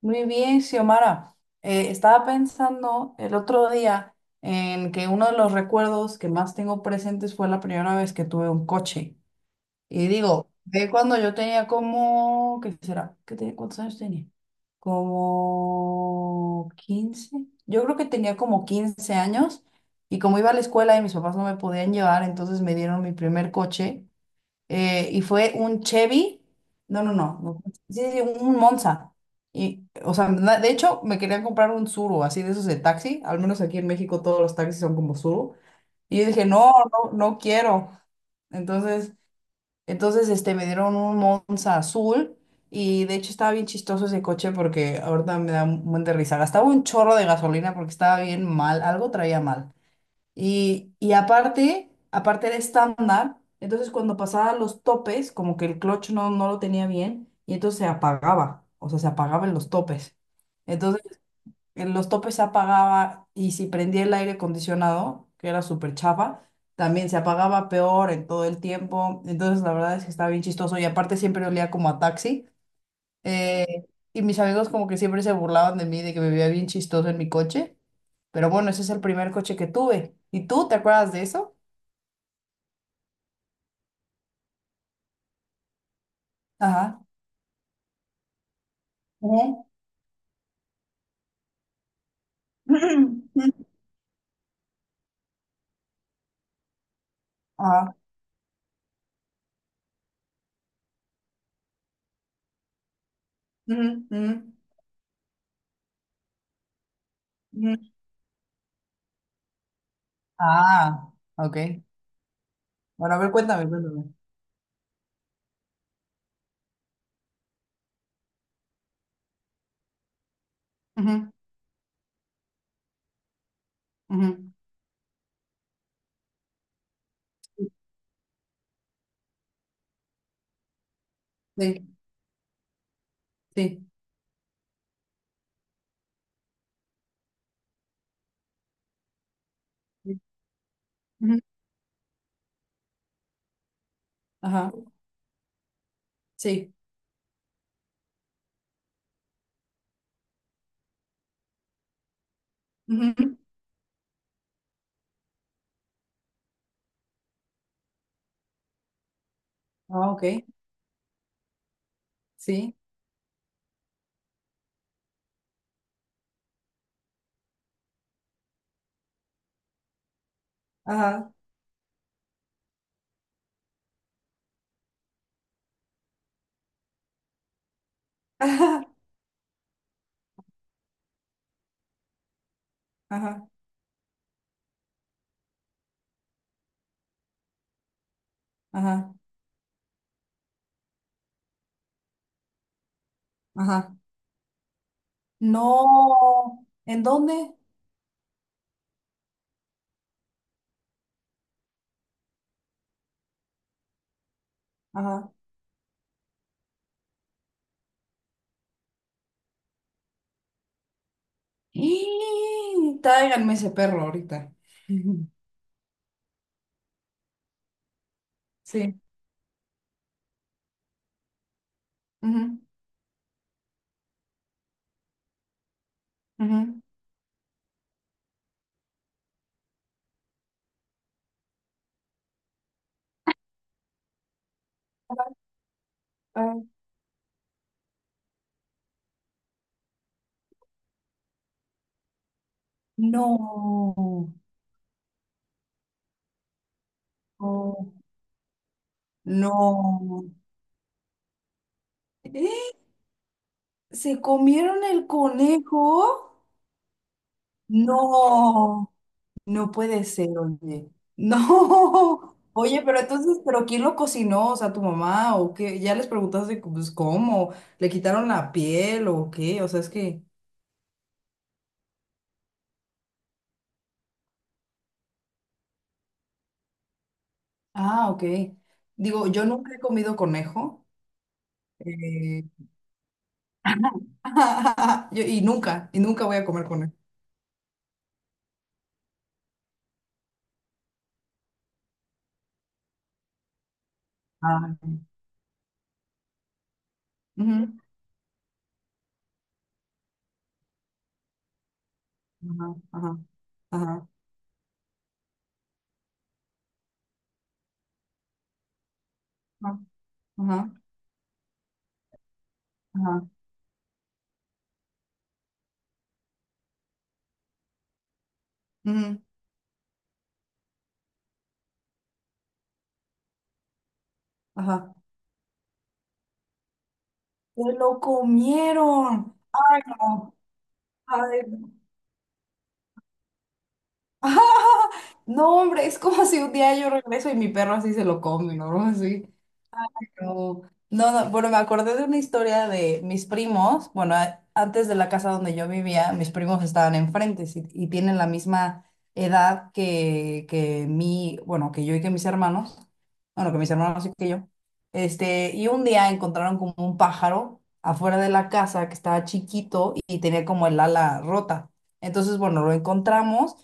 Muy bien, Xiomara. Estaba pensando el otro día en que uno de los recuerdos que más tengo presentes fue la primera vez que tuve un coche. Y digo, de cuando yo tenía como, ¿qué será? ¿Qué tenía? ¿Cuántos años tenía? Como 15. Yo creo que tenía como 15 años y como iba a la escuela y mis papás no me podían llevar, entonces me dieron mi primer coche, y fue un Chevy, no, no, no, no, sí, sí, un Monza. Y, o sea, de hecho, me querían comprar un Tsuru, así de esos de taxi, al menos aquí en México todos los taxis son como Tsuru. Y yo dije, no, no, no quiero. Entonces, entonces, me dieron un Monza azul y de hecho estaba bien chistoso ese coche porque ahorita me da un buen de risa. Gastaba un chorro de gasolina porque estaba bien mal, algo traía mal. Y, aparte era estándar, entonces cuando pasaba los topes, como que el clutch no lo tenía bien, y entonces se apagaba, o sea, se apagaba en los topes. Entonces, en los topes se apagaba, y si prendía el aire acondicionado, que era súper chafa, también se apagaba peor en todo el tiempo. Entonces, la verdad es que estaba bien chistoso, y aparte siempre olía como a taxi. Eh, y mis amigos como que siempre se burlaban de mí, de que me veía bien chistoso en mi coche. Pero bueno, ese es el primer coche que tuve. ¿Y tú te acuerdas de eso? Ajá. Ujú. Ajá. Ujú, ujú, ujú. Ah, ok. Bueno, a ver, cuéntame, cuéntame. Ujú, ujú. Sí, sí, sí. Ujú. Ajá. Sí. Ujú. Ah, ok. Sí. Ajá. Ajá. Ajá. Ajá. Ajá. No. ¿En dónde? Ajá. Y tráiganme ese perro ahorita. Sí. Ujú, ujú. Ah, ah, no. Oh, no. ¿Eh? ¿Se comieron el conejo? No. No puede ser, oye. No. Oye, pero entonces, ¿pero quién lo cocinó? O sea, ¿tu mamá o qué? Ya les preguntaste, pues, ¿cómo? ¿Le quitaron la piel o qué? O sea, es que... Ah, ok. Digo, yo nunca he comido conejo. Eh, y nunca voy a comer con él. Ah, ujú, ajá, ajá, ajá, ajá, ajá, ujú, ajá. ¡Se lo comieron! ¡Ay, no! ¡Ay, no! No, hombre, es como si un día yo regreso y mi perro así se lo come, ¿no? Así. No, no, no, bueno, me acordé de una historia de mis primos. Bueno, antes de la casa donde yo vivía, mis primos estaban enfrente sí, y tienen la misma edad que, que yo y que mis hermanos, bueno, que mis hermanos y que yo. Y un día encontraron como un pájaro afuera de la casa que estaba chiquito y tenía como el ala rota. Entonces, bueno, lo encontramos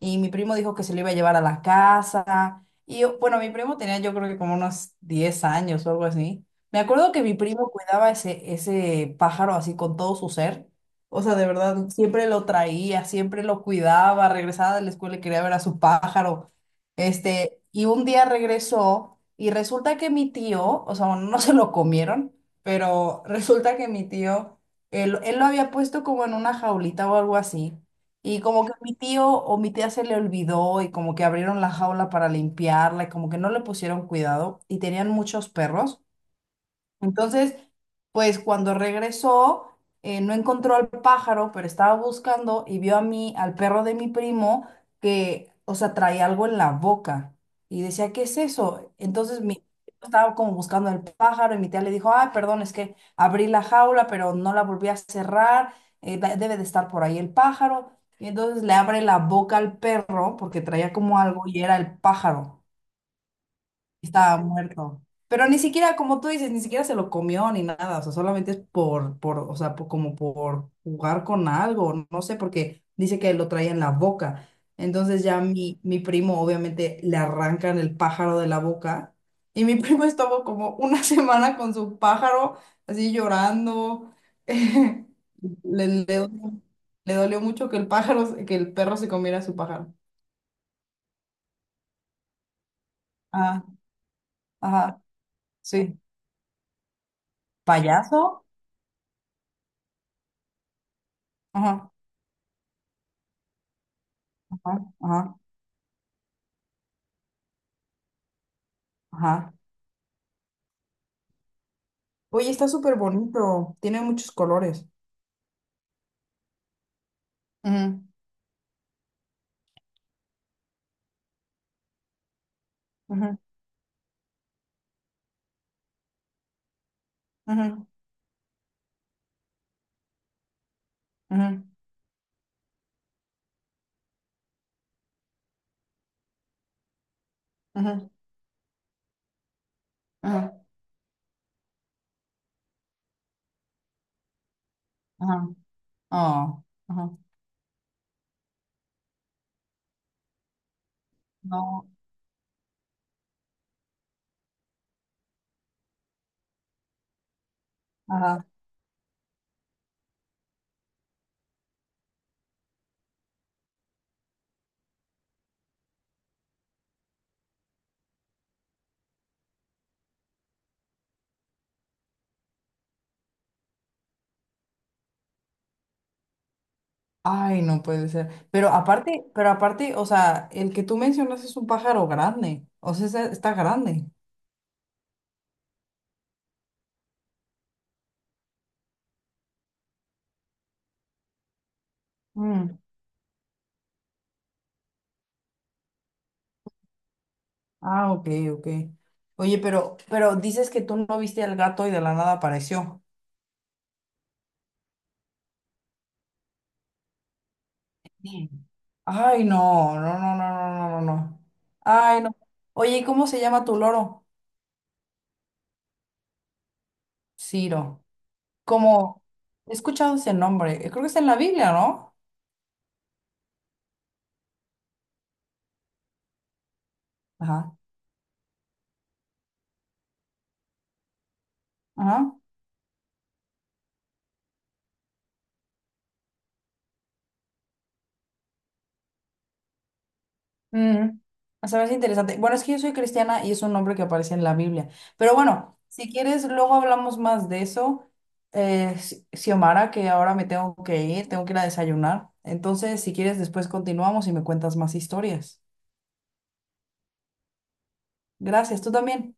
y mi primo dijo que se lo iba a llevar a la casa. Y bueno, mi primo tenía yo creo que como unos 10 años o algo así. Me acuerdo que mi primo cuidaba ese pájaro así con todo su ser. O sea, de verdad, siempre lo traía, siempre lo cuidaba, regresaba de la escuela y quería ver a su pájaro. Y un día regresó y resulta que mi tío, o sea, bueno, no se lo comieron, pero resulta que mi tío, él lo había puesto como en una jaulita o algo así. Y como que mi tío o mi tía se le olvidó y como que abrieron la jaula para limpiarla y como que no le pusieron cuidado y tenían muchos perros. Entonces, pues cuando regresó, no encontró al pájaro, pero estaba buscando y vio a mí, al perro de mi primo, que, o sea, traía algo en la boca. Y decía, ¿qué es eso? Entonces mi estaba como buscando al pájaro y mi tía le dijo, ah, perdón, es que abrí la jaula, pero no la volví a cerrar, debe de estar por ahí el pájaro. Y entonces le abre la boca al perro porque traía como algo y era el pájaro. Estaba muerto. Pero ni siquiera, como tú dices, ni siquiera se lo comió ni nada. O sea, solamente es o sea, como por jugar con algo. No, no sé, porque dice que lo traía en la boca. Entonces ya mi primo, obviamente, le arrancan el pájaro de la boca. Y mi primo estuvo como una semana con su pájaro, así llorando. Le, le dolió, le dolió mucho que el pájaro, que el perro se comiera su pájaro. Ah, ajá, sí. ¿Payaso? Ajá. Ajá, ajá, ajá. Oye, está súper bonito. Tiene muchos colores. Ujú, ujú, ujú, ujú, ujú, ujú, ajá. Oh, ajá. No, ajá. Ay, no puede ser. Pero aparte, o sea, el que tú mencionas es un pájaro grande. O sea, está grande. Mm, ah, ok, ok. Oye, pero dices que tú no viste al gato y de la nada apareció. Ay, no, no, no, no, no, no, no, no. Ay, no. Oye, ¿y cómo se llama tu loro? Ciro. Como, he escuchado ese nombre. Creo que está en la Biblia, ¿no? Ajá. Ajá. Mm. O sea, es interesante. Bueno, es que yo soy cristiana y es un nombre que aparece en la Biblia. Pero bueno, si quieres, luego hablamos más de eso. Xiomara, que ahora me tengo que ir a desayunar. Entonces, si quieres, después continuamos y me cuentas más historias. Gracias, tú también.